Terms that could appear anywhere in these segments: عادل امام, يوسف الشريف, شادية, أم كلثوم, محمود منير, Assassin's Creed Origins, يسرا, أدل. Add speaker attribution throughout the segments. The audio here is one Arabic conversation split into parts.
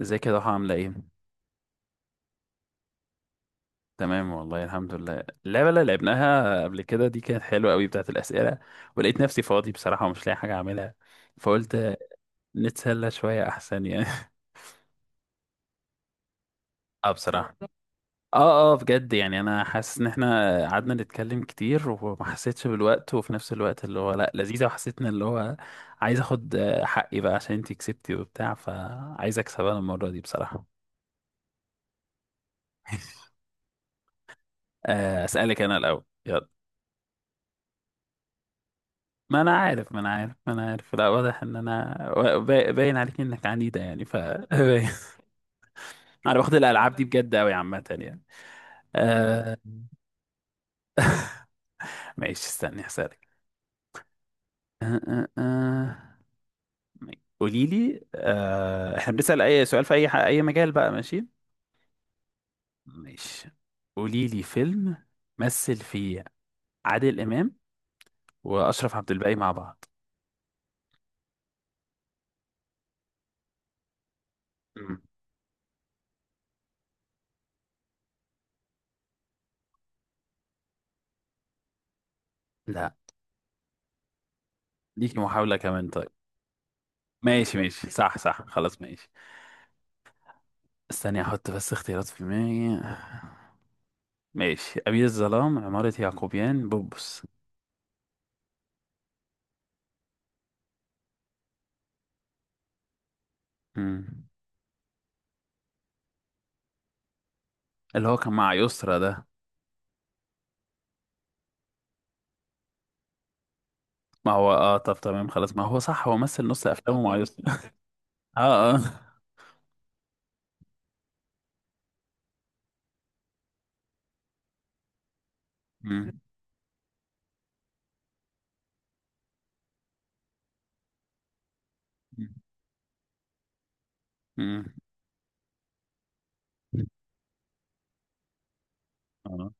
Speaker 1: ازيك يا ضحى عاملة ايه؟ تمام والله الحمد لله. اللعبة اللي لعبناها قبل كده دي كانت حلوة قوي، بتاعت الأسئلة، ولقيت نفسي فاضي بصراحة ومش لاقي حاجة أعملها، فقلت نتسلى شوية أحسن يعني اه بصراحة، اه بجد، يعني أنا حاسس إن احنا قعدنا نتكلم كتير وما حسيتش بالوقت، وفي نفس الوقت اللي هو لأ لذيذة، وحسيت إن اللي هو عايز آخد حقي بقى، عشان انتي كسبتي وبتاع، فعايز أكسب أنا المرة دي بصراحة. أسألك أنا الأول يلا. ما انا عارف ما انا عارف ما انا عارف لا واضح ان انا باين عليك انك عنيده يعني ف باين. انا باخد الالعاب دي بجد قوي عامه يعني. آه ماشي، استني هسألك. آه آه آه. قولي لي، آه احنا بنسأل اي سؤال في اي اي مجال بقى؟ ماشي ماشي. قولي لي فيلم مثل فيه عادل امام واشرف عبد الباقي مع بعض. مم. لا، ليكي محاولة كمان طيب. ماشي ماشي، صح صح، خلاص ماشي. استني احط بس اختيارات في دماغي. ماشي: أبي الظلام، عمارة يعقوبيان، بوبس. مم. اللي هو كان مع يسرا ده. ما هو اه، طب تمام خلاص، ما هو صح، هو مثل نص أفلامه مع يسرا. اه اه. مم. مم. اه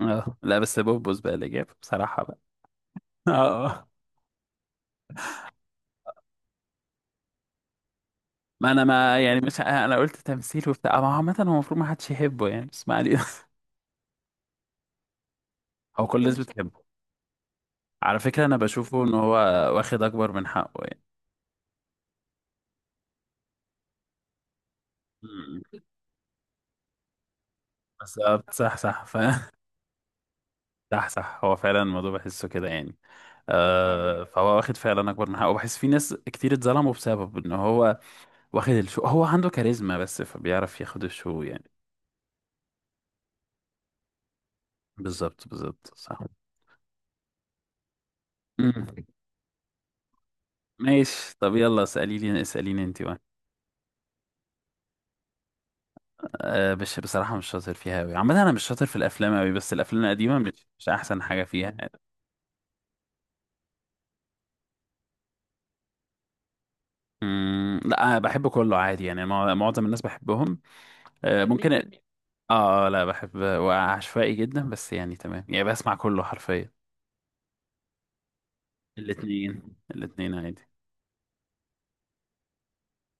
Speaker 1: لا بس بوبس بقى الإجابة بصراحة بقى. اه آه. ما أنا ما يعني مش أنا قلت تمثيل وبتاع، ما هو عامة هو المفروض ما حدش يحبه يعني، بس ما علينا. هو كل الناس بتحبه. على فكرة أنا بشوفه إن هو واخد أكبر من حقه يعني. مم. بالظبط، صح صح ف صح صح، هو فعلا الموضوع بحسه كده يعني. مم. آه فهو واخد فعلا اكبر من حقه، وبحس في ناس كتير اتظلموا بسبب ان هو واخد الشو، هو عنده كاريزما بس فبيعرف ياخد الشو يعني. بالظبط بالظبط صح. مم. ماشي طب يلا، اسالي لي اساليني انت بقى. آه مش بصراحه مش شاطر فيها قوي عامه، انا مش شاطر في الافلام قوي، بس الافلام القديمه مش احسن حاجه فيها. مم. لا أنا بحب كله عادي يعني، معظم الناس بحبهم. آه ممكن. لا بحب وعشوائي جدا بس، يعني تمام يعني، بسمع كله حرفيا. الاثنين، الاثنين عادي.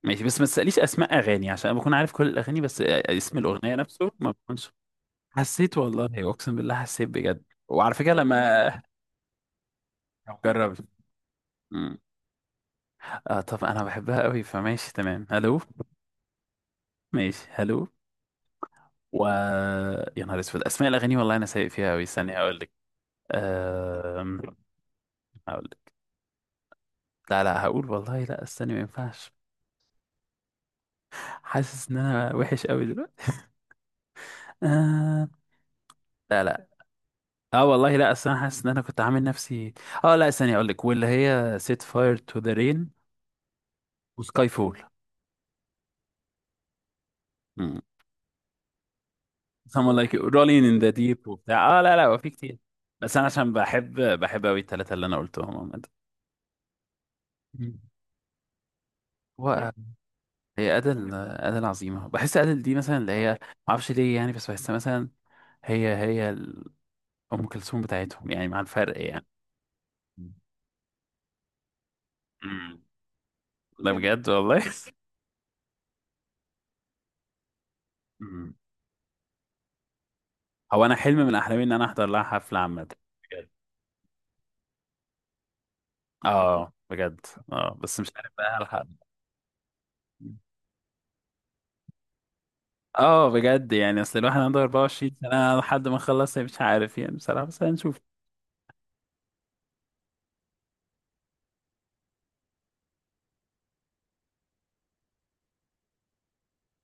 Speaker 1: ماشي، بس ما تسأليش اسماء اغاني، عشان أنا بكون عارف كل الاغاني بس اسم الاغنية نفسه ما بكونش. حسيت والله، اقسم بالله حسيت بجد، وعلى فكرة لما جربت. مم. اه طب انا بحبها قوي، فماشي تمام هلو. ماشي هلو. و يا نهار اسود اسماء الاغاني، والله انا سايق فيها قوي، استني هقول لك. أم... هقول لك، لا لا هقول، والله لا استني ما ينفعش. حاسس ان انا وحش قوي. آه. لا لا، اه والله لا، اصل انا حاسس ان انا كنت عامل نفسي اه. لا، ثانية اقول لك، واللي هي سيت فاير تو ذا رين، وسكاي فول، someone like rolling in the deep وبتاع. اه لا لا، وفي كتير بس انا عشان بحب قوي الثلاثة اللي انا قلتهم عامة. مم. و- هي أدل عظيمة، بحس أدل دي مثلا اللي هي معرفش ليه يعني، بس بحسها مثلا هي هي ال- أم كلثوم بتاعتهم يعني، مع الفرق يعني. مم. مم. ده بجد والله. هو انا حلم من احلامي ان انا احضر لها حفله عامه بجد. اه بجد. اه بس مش عارف بقى هلحق. اه بجد يعني، اصل الواحد عنده 24 سنه لحد ما نخلص، مش عارف يعني بصراحه، بس هنشوف.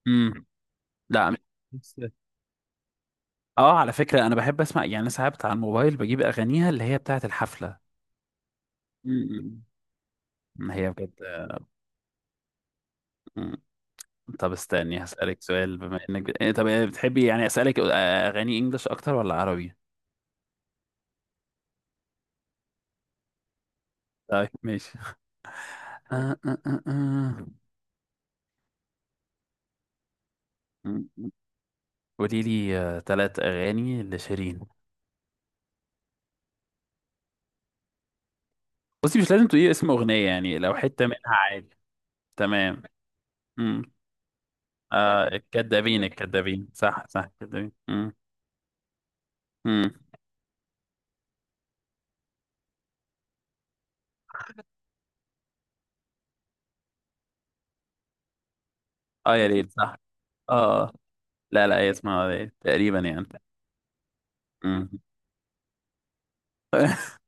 Speaker 1: امم. لا مش. بس- اه على فكره انا بحب اسمع يعني ساعات على الموبايل، بجيب اغانيها اللي هي بتاعه الحفله. امم. هي بجد. مم. طب استني هسألك سؤال، بما انك ب... إيه، طب إيه، بتحبي يعني اسألك اغاني انجلش اكتر ولا عربي؟ طيب ماشي. قولي لي تلات أغاني لشيرين. بصي مش لازم تقولي اسم أغنية يعني، لو حتة منها عادي. تمام. امم. آه الكدابين، الكدابين صح صح، الكدابين. امم. امم. اه يا ليل صح. اه آه. لا لا هي اسمها ليل تقريبا يعني. امم.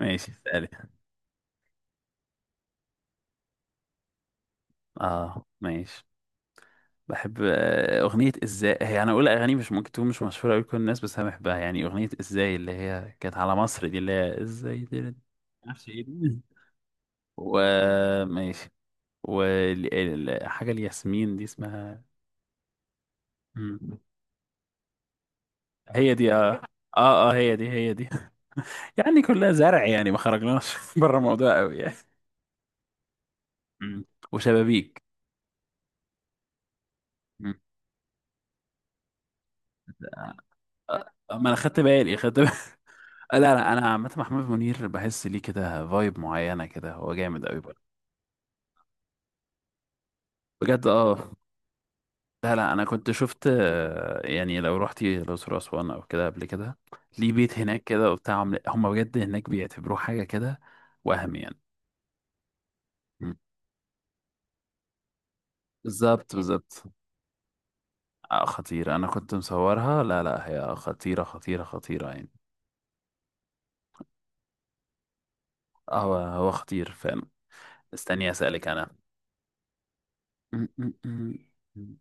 Speaker 1: ماشي اسألي. اه ماشي. بحب أغنية إزاي. هي أنا أقول أغاني مش ممكن تكون مش مشهورة أوي كل الناس، بس أنا بحبها يعني. أغنية إزاي اللي هي كانت على مصر، دي اللي هي إزاي ترد. معرفش إيه دي. وماشي. وحاجة الياسمين دي اسمها. مم. هي دي اه. اه اه هي دي هي دي. يعني كلها زرع يعني، ما خرجناش بره الموضوع قوي يعني. مم. وشبابيك. مم. آه، آه، ما انا خدت بالي. لا لا، انا عامة محمود منير بحس ليه كده فايب معينة كده، هو جامد قوي برضه بجد. اه لا لا، انا كنت شفت يعني لو رحتي الاقصر واسوان او كده قبل كده، ليه بيت هناك كده وبتاع، هم بجد هناك بيعتبروه حاجة كده وهم يعني. بالظبط بالظبط. آه، خطير، انا كنت مصورها. لا لا هي خطيرة خطيرة خطيرة يعني. هو خطير، فاهم؟ استني اسألك انا. م- م- م- م.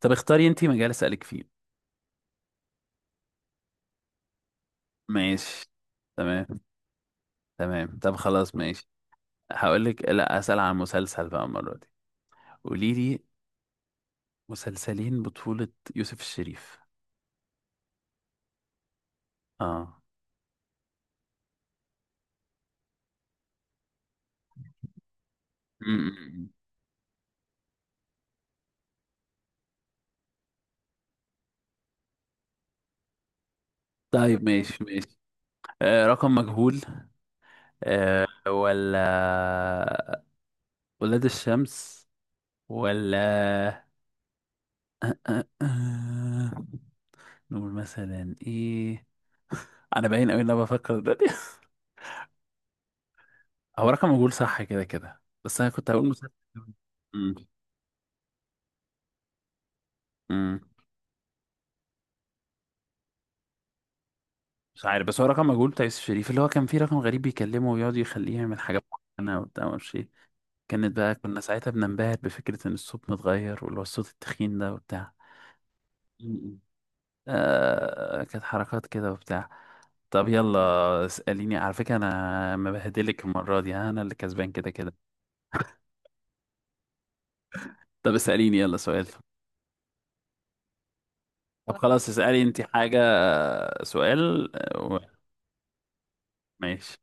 Speaker 1: طب اختاري انتي مجال اسألك فيه. ماشي. تمام. تمام طب خلاص ماشي. هقول لك، لا اسأل عن مسلسل بقى المرة دي. قولي لي مسلسلين بطولة يوسف الشريف. اه. م- م- م. طيب ماشي ماشي. آه رقم مجهول، آه ولا ولاد الشمس، ولا أه أه. نقول مثلا ايه؟ انا باين قوي ان انا بفكر دلوقتي. هو رقم مجهول صح كده كده، بس انا كنت هقول مسلسل. أمم. أمم. مش عارف، بس هو رقم مجهول بتاع يوسف شريف، اللي هو كان فيه رقم غريب بيكلمه ويقعد يخليه يعمل حاجات معينة وبتاع، معرفش ايه. كانت بقى، كنا ساعتها بننبهر بفكرة ان الصوت متغير، واللي هو الصوت التخين ده وبتاع. أمم. آه كانت حركات كده وبتاع. طب يلا اسأليني، على فكرة انا مبهدلك المرة دي، انا اللي كسبان كده كده. طب اسأليني يلا سؤال. طب خلاص اسألي انت حاجة، سؤال ماشي.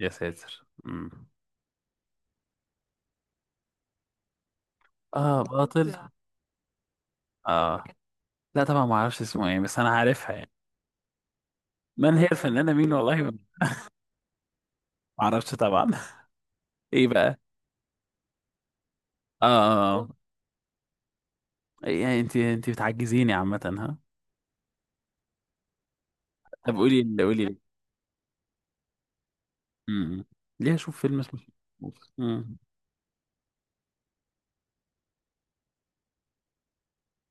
Speaker 1: يا ساتر. مم. اه باطل. اه. لا طبعا ما اعرفش اسمه ايه، بس انا عارفها يعني. من هي الفنانة؟ مين والله ما اعرفش طبعا. ايه بقى؟ اه يعني انت بتعجزيني عامة ها. طب قولي، قولي لي. امم. ليه اشوف فيلم اسمه. امم.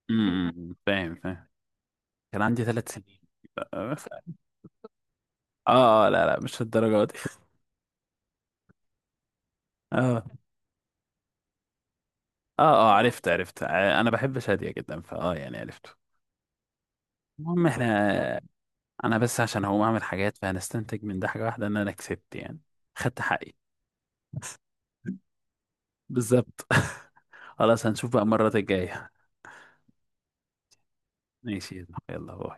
Speaker 1: فاهم فاهم. كان عندي ثلاث سنين. اه لا لا مش الدرجة دي. اه. اه اه عرفت عرفت، انا بحب شادية جدا فاه، يعني عرفته. المهم احنا، انا بس عشان هقوم اعمل حاجات، فهنستنتج من ده حاجة واحدة ان انا كسبت يعني، خدت حقي. بالظبط. خلاص هنشوف بقى المرة الجاية. ماشي يا زلمة، يلا باي.